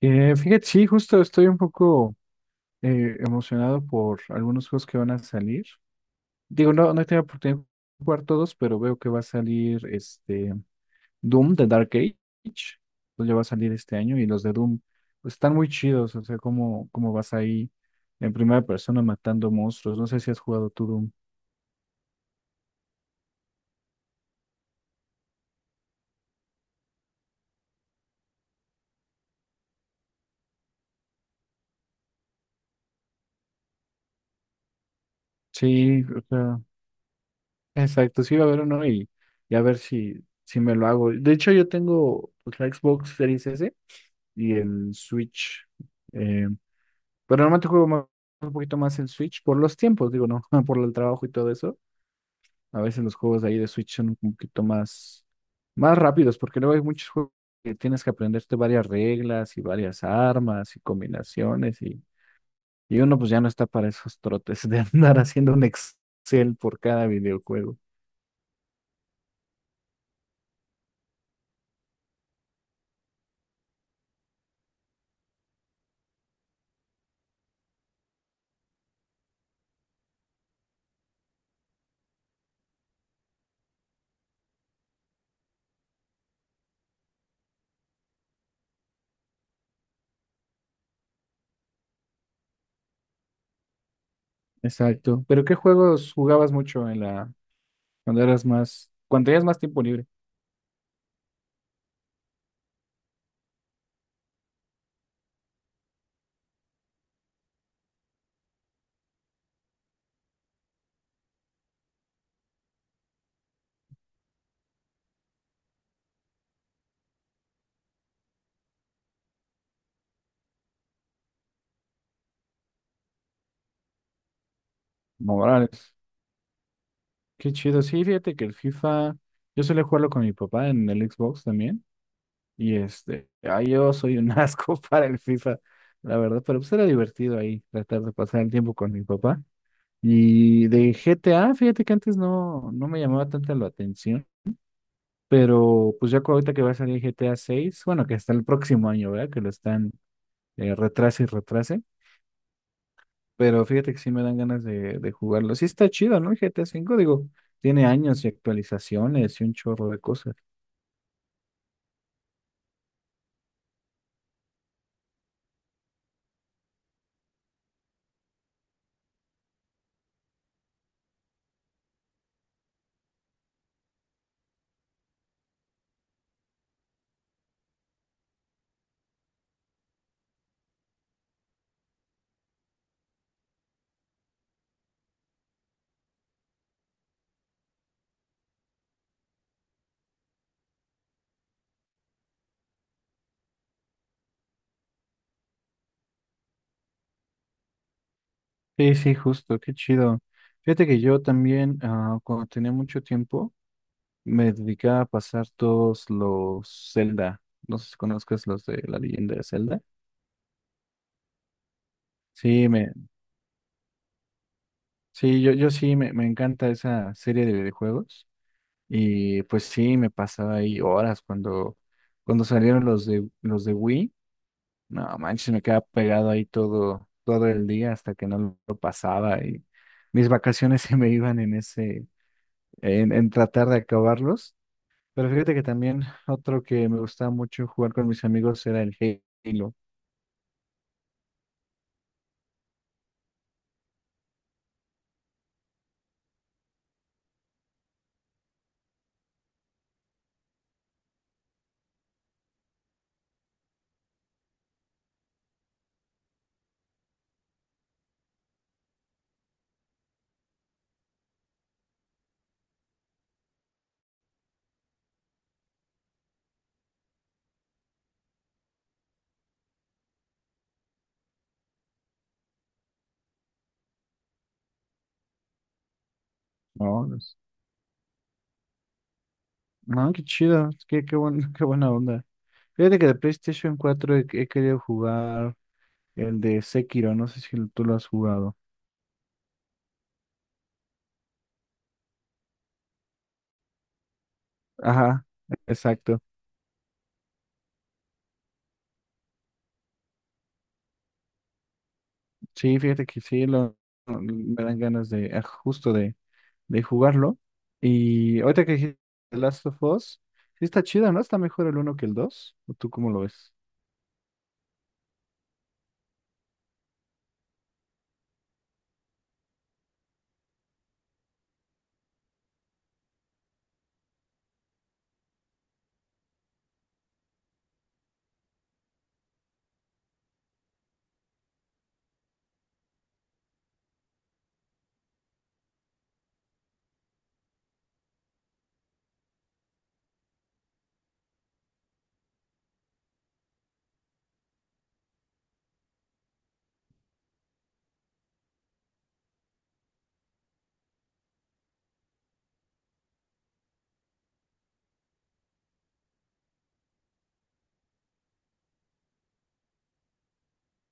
Fíjate, sí, justo estoy un poco emocionado por algunos juegos que van a salir. Digo, no, no he tenido oportunidad de jugar todos, pero veo que va a salir este Doom de Dark Age. Pues ya va a salir este año y los de Doom, pues, están muy chidos. O sea, cómo vas ahí en primera persona matando monstruos. No sé si has jugado tú Doom. Sí, o sea, exacto, sí va a haber uno y a ver si me lo hago. De hecho, yo tengo, pues, la Xbox Series S y el Switch. Pero normalmente juego un poquito más el Switch por los tiempos, digo, no, por el trabajo y todo eso. A veces los juegos de ahí de Switch son un poquito más rápidos, porque luego hay muchos juegos que tienes que aprenderte varias reglas y varias armas y combinaciones, y uno, pues, ya no está para esos trotes de andar haciendo un Excel por cada videojuego. Exacto. ¿Pero qué juegos jugabas mucho cuando tenías más tiempo libre? Morales. Qué chido. Sí, fíjate que el FIFA, yo solía jugarlo con mi papá en el Xbox también. Y este, ay, yo soy un asco para el FIFA, la verdad, pero pues era divertido ahí tratar de pasar el tiempo con mi papá. Y de GTA, fíjate que antes no, no me llamaba tanta la atención, pero pues ya ahorita que va a salir GTA 6. Bueno, que hasta el próximo año, ¿verdad? Que lo están, retrase y retrase, pero fíjate que sí me dan ganas de jugarlo. Sí, está chido, ¿no? El GTA 5, digo, tiene años y actualizaciones y un chorro de cosas. Sí, sí, justo, qué chido. Fíjate que yo también, ah, cuando tenía mucho tiempo, me dedicaba a pasar todos los Zelda. No sé si conozcas los de La Leyenda de Zelda. Sí, sí, yo sí me encanta esa serie de videojuegos. Y pues sí, me pasaba ahí horas cuando salieron los de Wii. No manches, me quedaba pegado ahí todo el día hasta que no lo pasaba. Y mis vacaciones se me iban en ese, en tratar de acabarlos. Pero fíjate que también otro que me gustaba mucho jugar con mis amigos era el Halo, ¿no? No, qué chido, qué buena onda. Fíjate que de PlayStation 4 he querido jugar el de Sekiro, no sé si tú lo has jugado. Ajá, exacto. Sí, fíjate que sí, me dan ganas justo de jugarlo. Y ahorita que dijiste The Last of Us, sí está chido, ¿no? ¿Está mejor el uno que el 2, o tú cómo lo ves?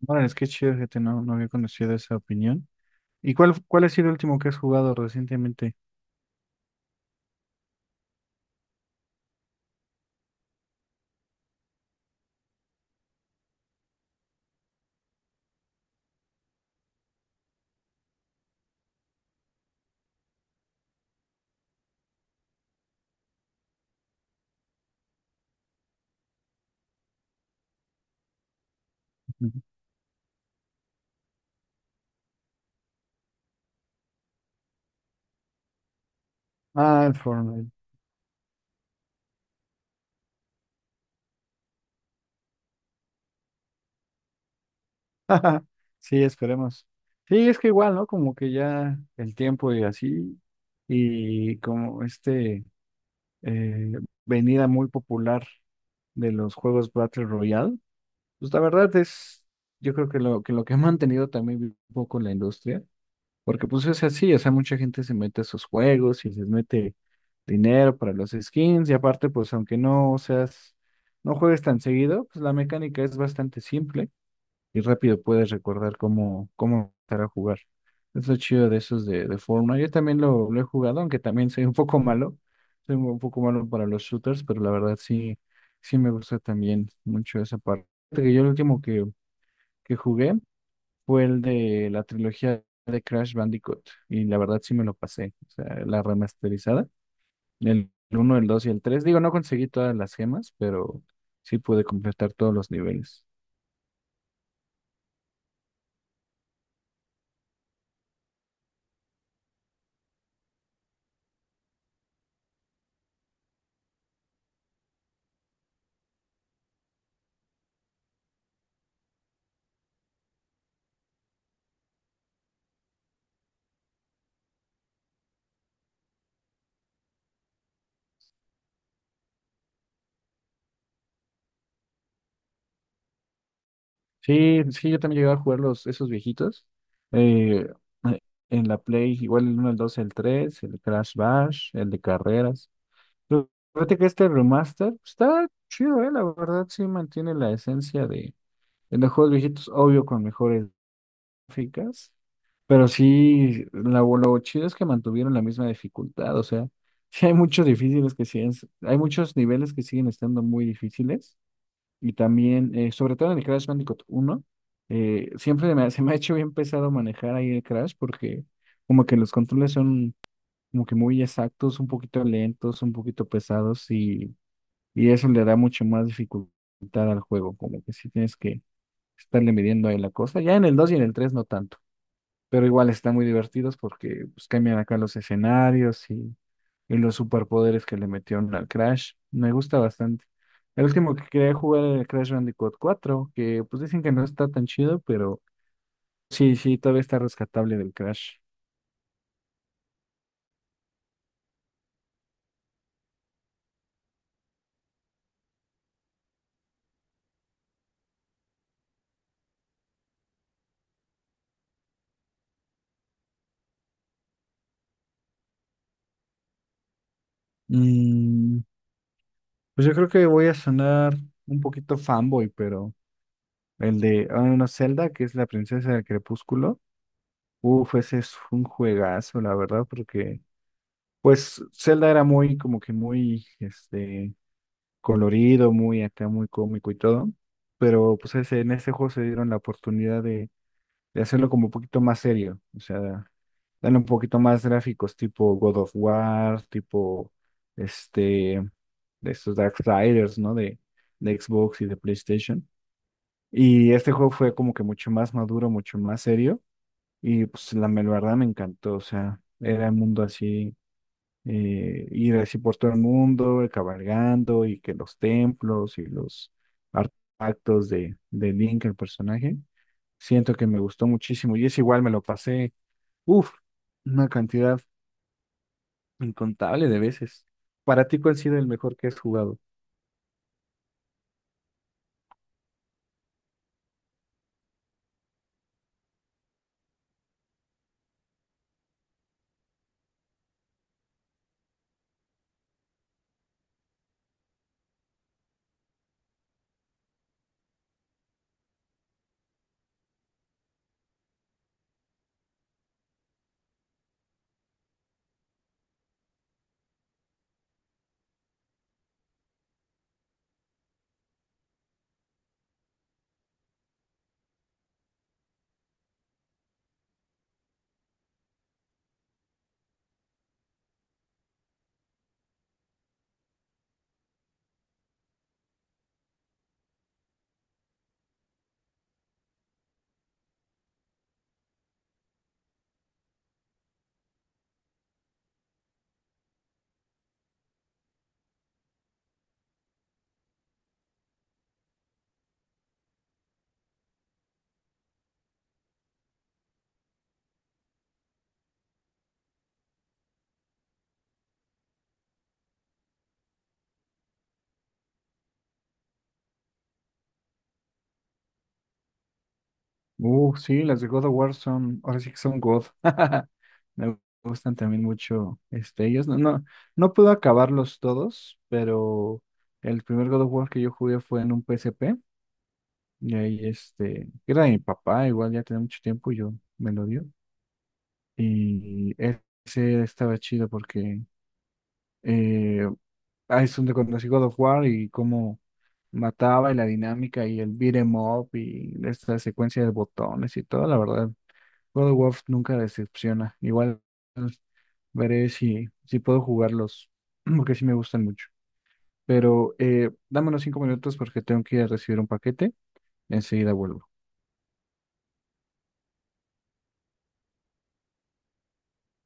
Bueno, es que chido, fíjate, no, no había conocido esa opinión. ¿Y cuál ha sido el último que has jugado recientemente? Ujú. Ah, el Fortnite. Sí, esperemos. Sí, es que igual, ¿no? Como que ya el tiempo y así, y como este eh, venida muy popular de los juegos Battle Royale, pues la verdad es, yo creo que lo que ha mantenido también un poco la industria. Porque pues es así, o sea, mucha gente se mete a esos juegos y les mete dinero para los skins, y aparte, pues, aunque no seas, no juegues tan seguido, pues la mecánica es bastante simple y rápido puedes recordar cómo empezar a jugar. Es lo chido de esos de Fortnite. Yo también lo he jugado, aunque también soy un poco malo, soy un poco malo para los shooters, pero la verdad sí, sí me gusta también mucho esa parte. Fíjate que yo el último que jugué fue el de la trilogía de Crash Bandicoot. Y la verdad sí me lo pasé. O sea, la remasterizada. El uno, el 2 y el tres. Digo, no conseguí todas las gemas, pero sí pude completar todos los niveles. Sí, sí, yo también llegué a jugar esos viejitos. eh, eh, en la Play, igual el uno, el dos, el tres, el Crash Bash, el de carreras. Pero fíjate que este remaster está chido, la verdad sí mantiene la esencia de los juegos viejitos, obvio con mejores gráficas, pero sí, lo chido es que mantuvieron la misma dificultad, o sea, sí hay muchos difíciles que siguen, hay muchos niveles que siguen estando muy difíciles, y también, sobre todo en el Crash Bandicoot uno, siempre se me ha hecho bien pesado manejar ahí el Crash, porque como que los controles son como que muy exactos, un poquito lentos, un poquito pesados, y eso le da mucho más dificultad al juego, como que sí tienes que estarle midiendo ahí la cosa, ya en el 2 y en el 3 no tanto, pero igual están muy divertidos porque, pues, cambian acá los escenarios y los superpoderes que le metieron al Crash. Me gusta bastante. El último que quería jugar era el Crash Bandicoot cuatro, que, pues, dicen que no está tan chido, pero sí, sí, todavía está rescatable del Crash. Mm, pues yo creo que voy a sonar un poquito fanboy, pero el de no, Zelda, que es La Princesa del Crepúsculo, uf, ese es un juegazo, la verdad, porque pues Zelda era como que muy, este, colorido, muy acá, muy cómico y todo. Pero pues en ese juego se dieron la oportunidad de hacerlo como un poquito más serio. O sea, dan un poquito más gráficos, tipo God of War, tipo este, de estos Darksiders, ¿no? De Xbox y de PlayStation. Y este juego fue como que mucho más maduro, mucho más serio. Y pues la verdad me encantó. O sea, era un mundo así, ir así por todo el mundo, cabalgando y que los templos y los artefactos de Link, el personaje. Siento que me gustó muchísimo y es igual, me lo pasé, uff, una cantidad incontable de veces. Para ti, ¿cuál ha sido el mejor que has jugado? Sí, las de God of War son, ahora sí que son God. Me gustan también mucho este, ellos. No, no, no puedo acabarlos todos, pero el primer God of War que yo jugué fue en un PSP. Y ahí, este, era de mi papá, igual ya tenía mucho tiempo, yo me lo dio. Y ese estaba chido porque eh, ahí es donde conocí God of War y cómo mataba y la dinámica y el beat 'em up y esta secuencia de botones y todo, la verdad. God of War nunca decepciona. Igual veré si puedo jugarlos, porque sí me gustan mucho. Pero dame unos 5 minutos porque tengo que ir a recibir un paquete. Enseguida vuelvo.